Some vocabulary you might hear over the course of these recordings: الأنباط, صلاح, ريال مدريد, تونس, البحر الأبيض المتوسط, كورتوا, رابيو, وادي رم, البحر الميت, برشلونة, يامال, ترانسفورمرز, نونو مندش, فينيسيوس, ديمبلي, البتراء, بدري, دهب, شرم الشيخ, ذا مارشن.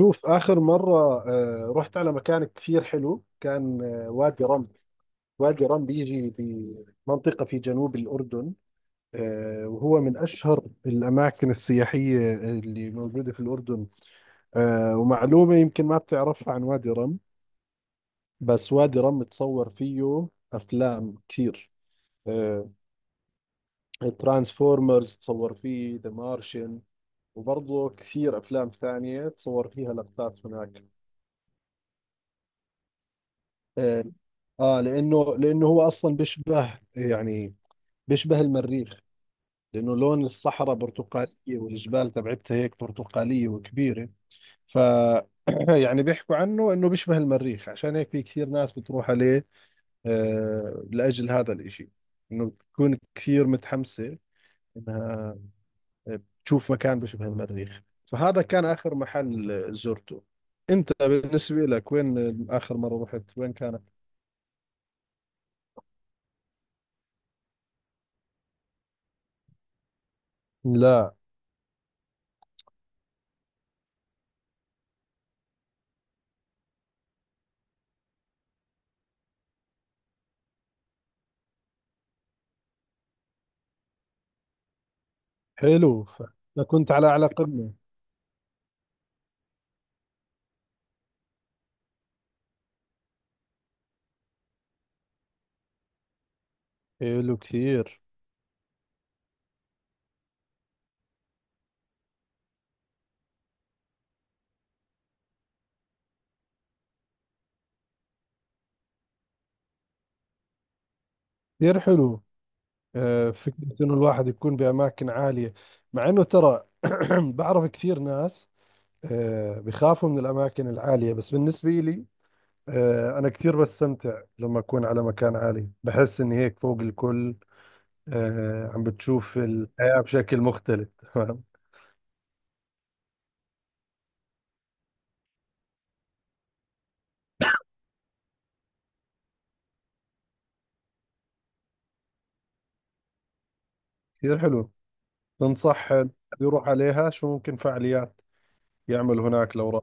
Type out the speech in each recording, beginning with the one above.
شوف آخر مرة، رحت على مكان كثير حلو كان وادي رم. وادي رم بيجي بمنطقة في جنوب الأردن. وهو من أشهر الأماكن السياحية اللي موجودة في الأردن. ومعلومة يمكن ما بتعرفها عن وادي رم، بس وادي رم تصور فيه أفلام كثير. ترانسفورمرز تصور فيه ذا مارشن، وبرضه كثير أفلام ثانية تصور فيها لقطات هناك. اه. لانه هو اصلا بيشبه، يعني بيشبه المريخ. لانه لون الصحراء برتقاليه، والجبال تبعتها هيك برتقاليه وكبيره. ف يعني بيحكوا عنه انه بيشبه المريخ، عشان هيك في كثير ناس بتروح عليه. لاجل هذا الاشي، انه بتكون كثير متحمسه انها تشوف مكان بيشبه المريخ. فهذا كان اخر محل زرته. انت بالنسبه لك، وين اخر مره رحت، وين كانت؟ لا. حلو. أنا كنت على أعلى قمة. حلو كثير. كثير حلو. فكرة إنه الواحد يكون بأماكن عالية، مع إنه ترى، بعرف كثير ناس بخافوا من الأماكن العالية. بس بالنسبة لي، أنا كثير بستمتع لما أكون على مكان عالي. بحس إني هيك فوق الكل، عم بتشوف الحياة بشكل مختلف. تمام. كثير حلو. تنصح يروح عليها شو ممكن فعاليات يعمل هناك لو راح؟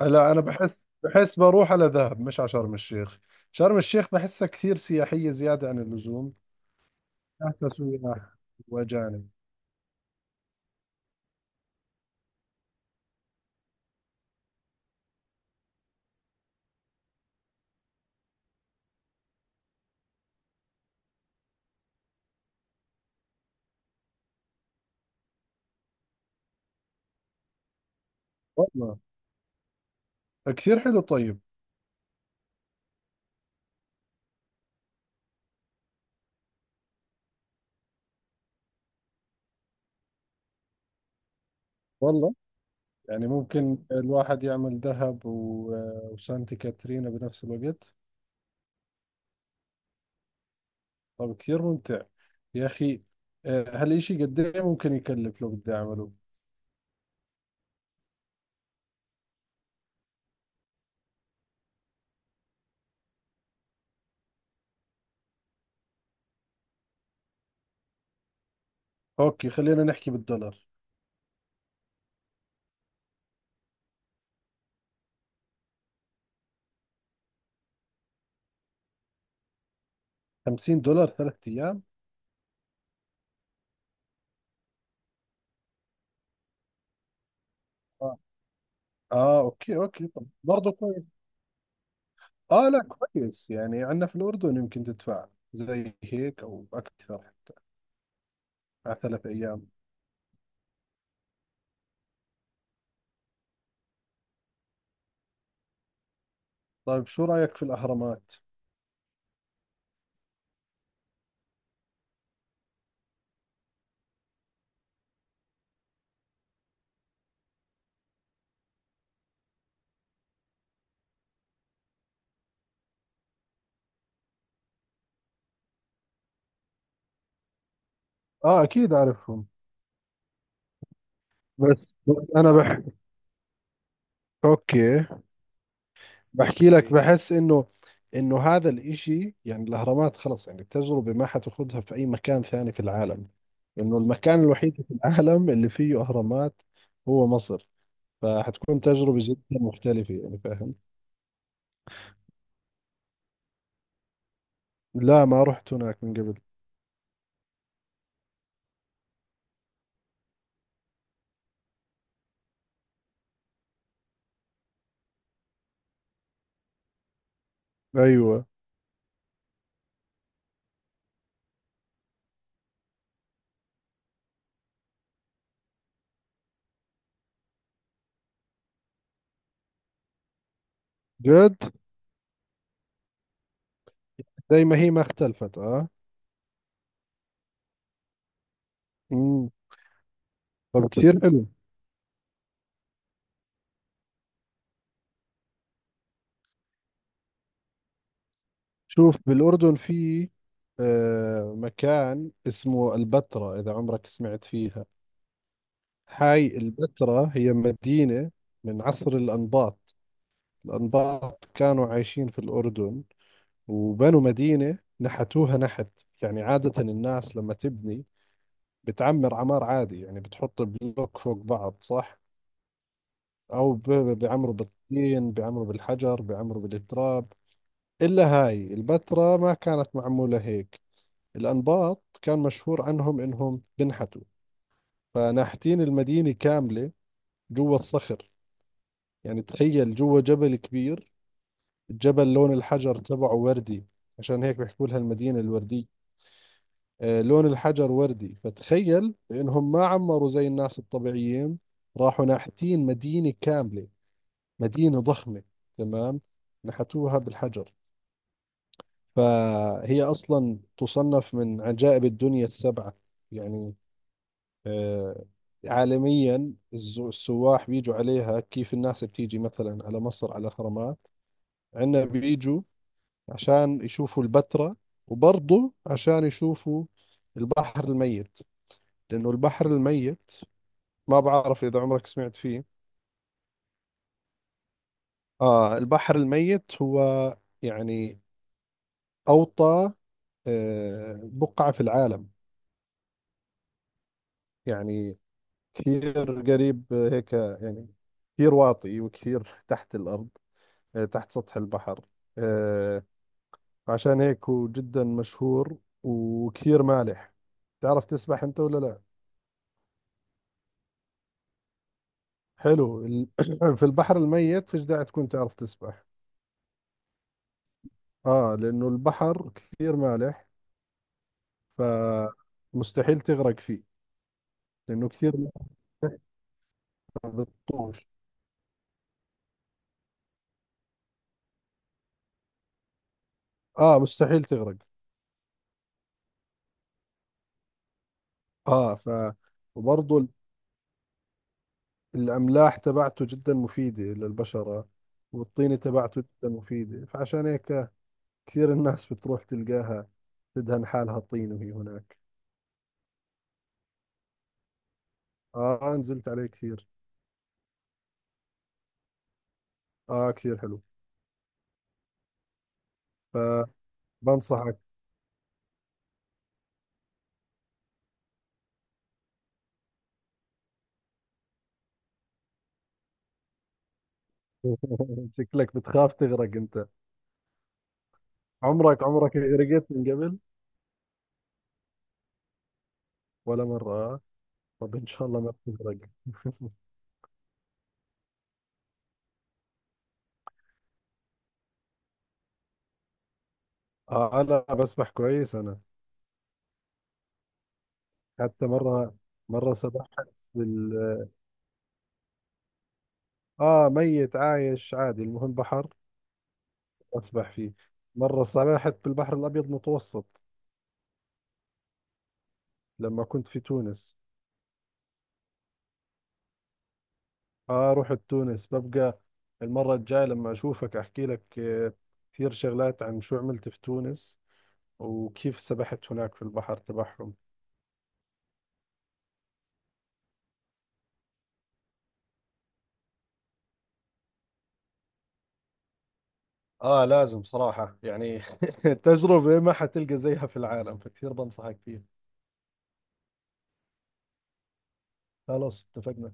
لا، انا بحس بروح على دهب مش على شرم الشيخ. شرم الشيخ بحسها كثير سياحية زيادة عن اللزوم. حتى سياح واجانب. والله، كثير حلو. طيب. والله، يعني ممكن الواحد يعمل دهب وسانتي كاترينا بنفس الوقت. طب كثير ممتع يا اخي. هالإشي قد ايه ممكن يكلف لو بدي اعمله؟ اوكي، خلينا نحكي بالدولار. $50 3 ايام؟ اه. اوكي، اوكي، طب برضه. اه، لا كويس، يعني عندنا في الأردن يمكن تدفع زي هيك أو أكثر حتى، على 3 أيام. طيب شو رأيك في الأهرامات؟ اه، اكيد اعرفهم. بس انا اوكي، بحكي لك. بحس انه هذا الاشي، يعني الاهرامات، خلص، يعني التجربة ما حتاخذها في اي مكان ثاني في العالم. انه المكان الوحيد في العالم اللي فيه اهرامات هو مصر. فحتكون تجربة جدا مختلفة، يعني فاهم. لا، ما رحت هناك من قبل. ايوه. جد. زي ما هي، ما اختلفت. اه. مم. طب كثير حلو. شوف، بالأردن في مكان اسمه البتراء، إذا عمرك سمعت فيها. هاي البتراء هي مدينة من عصر الأنباط. الأنباط كانوا عايشين في الأردن، وبنوا مدينة نحتوها نحت. يعني عادة الناس لما تبني بتعمر عمار عادي، يعني بتحط بلوك فوق بعض، صح؟ أو بيعمروا بالطين، بيعمروا بالحجر، بيعمروا بالتراب. إلا هاي البتراء ما كانت معمولة هيك. الأنباط كان مشهور عنهم إنهم بنحتوا، فناحتين المدينة كاملة جوا الصخر. يعني تخيل، جوا جبل كبير. الجبل لون الحجر تبعه وردي، عشان هيك بيحكوا لها المدينة الوردية. لون الحجر وردي، فتخيل إنهم ما عمروا زي الناس الطبيعيين. راحوا ناحتين مدينة كاملة، مدينة ضخمة. تمام. نحتوها بالحجر. فهي أصلا تصنف من عجائب الدنيا السبعة. يعني، آه، عالميا، السواح بيجوا عليها، كيف الناس بتيجي مثلا على مصر على الأهرامات. عندنا بيجوا عشان يشوفوا البتراء، وبرضه عشان يشوفوا البحر الميت. لأنه البحر الميت، ما بعرف إذا عمرك سمعت فيه. البحر الميت هو، يعني، أوطى بقعة في العالم. يعني كثير قريب هيك يعني. كثير واطي، وكثير تحت الأرض، تحت سطح البحر. آه، عشان هيك هو جدا مشهور. وكثير مالح. تعرف تسبح أنت ولا لا؟ حلو. في البحر الميت فيش داعي تكون تعرف تسبح. لأنه البحر كثير مالح. فمستحيل تغرق فيه، لأنه كثير مالح. طول. مستحيل تغرق. آه ف وبرضه الأملاح تبعته جدا مفيدة للبشرة، والطينة تبعته جدا مفيدة. فعشان هيك كثير الناس بتروح تلقاها، تدهن حالها طين وهي هناك. نزلت عليه كثير. كثير حلو. فبنصحك. شكلك بتخاف تغرق أنت. عمرك غرقت من قبل؟ ولا مرة. طب إن شاء الله ما بتغرق. لا، بسبح كويس أنا. حتى مرة، مرة سبحت بال ميت عايش عادي، المهم بحر أسبح فيه. مرة سبحت في البحر الأبيض المتوسط لما كنت في تونس. رحت تونس. ببقى المرة الجاية لما أشوفك أحكي لك كثير شغلات عن شو عملت في تونس، وكيف سبحت هناك في البحر تبعهم. لازم صراحة يعني. تجربة ما حتلقى زيها في العالم، فكثير بنصحك فيها. خلاص اتفقنا.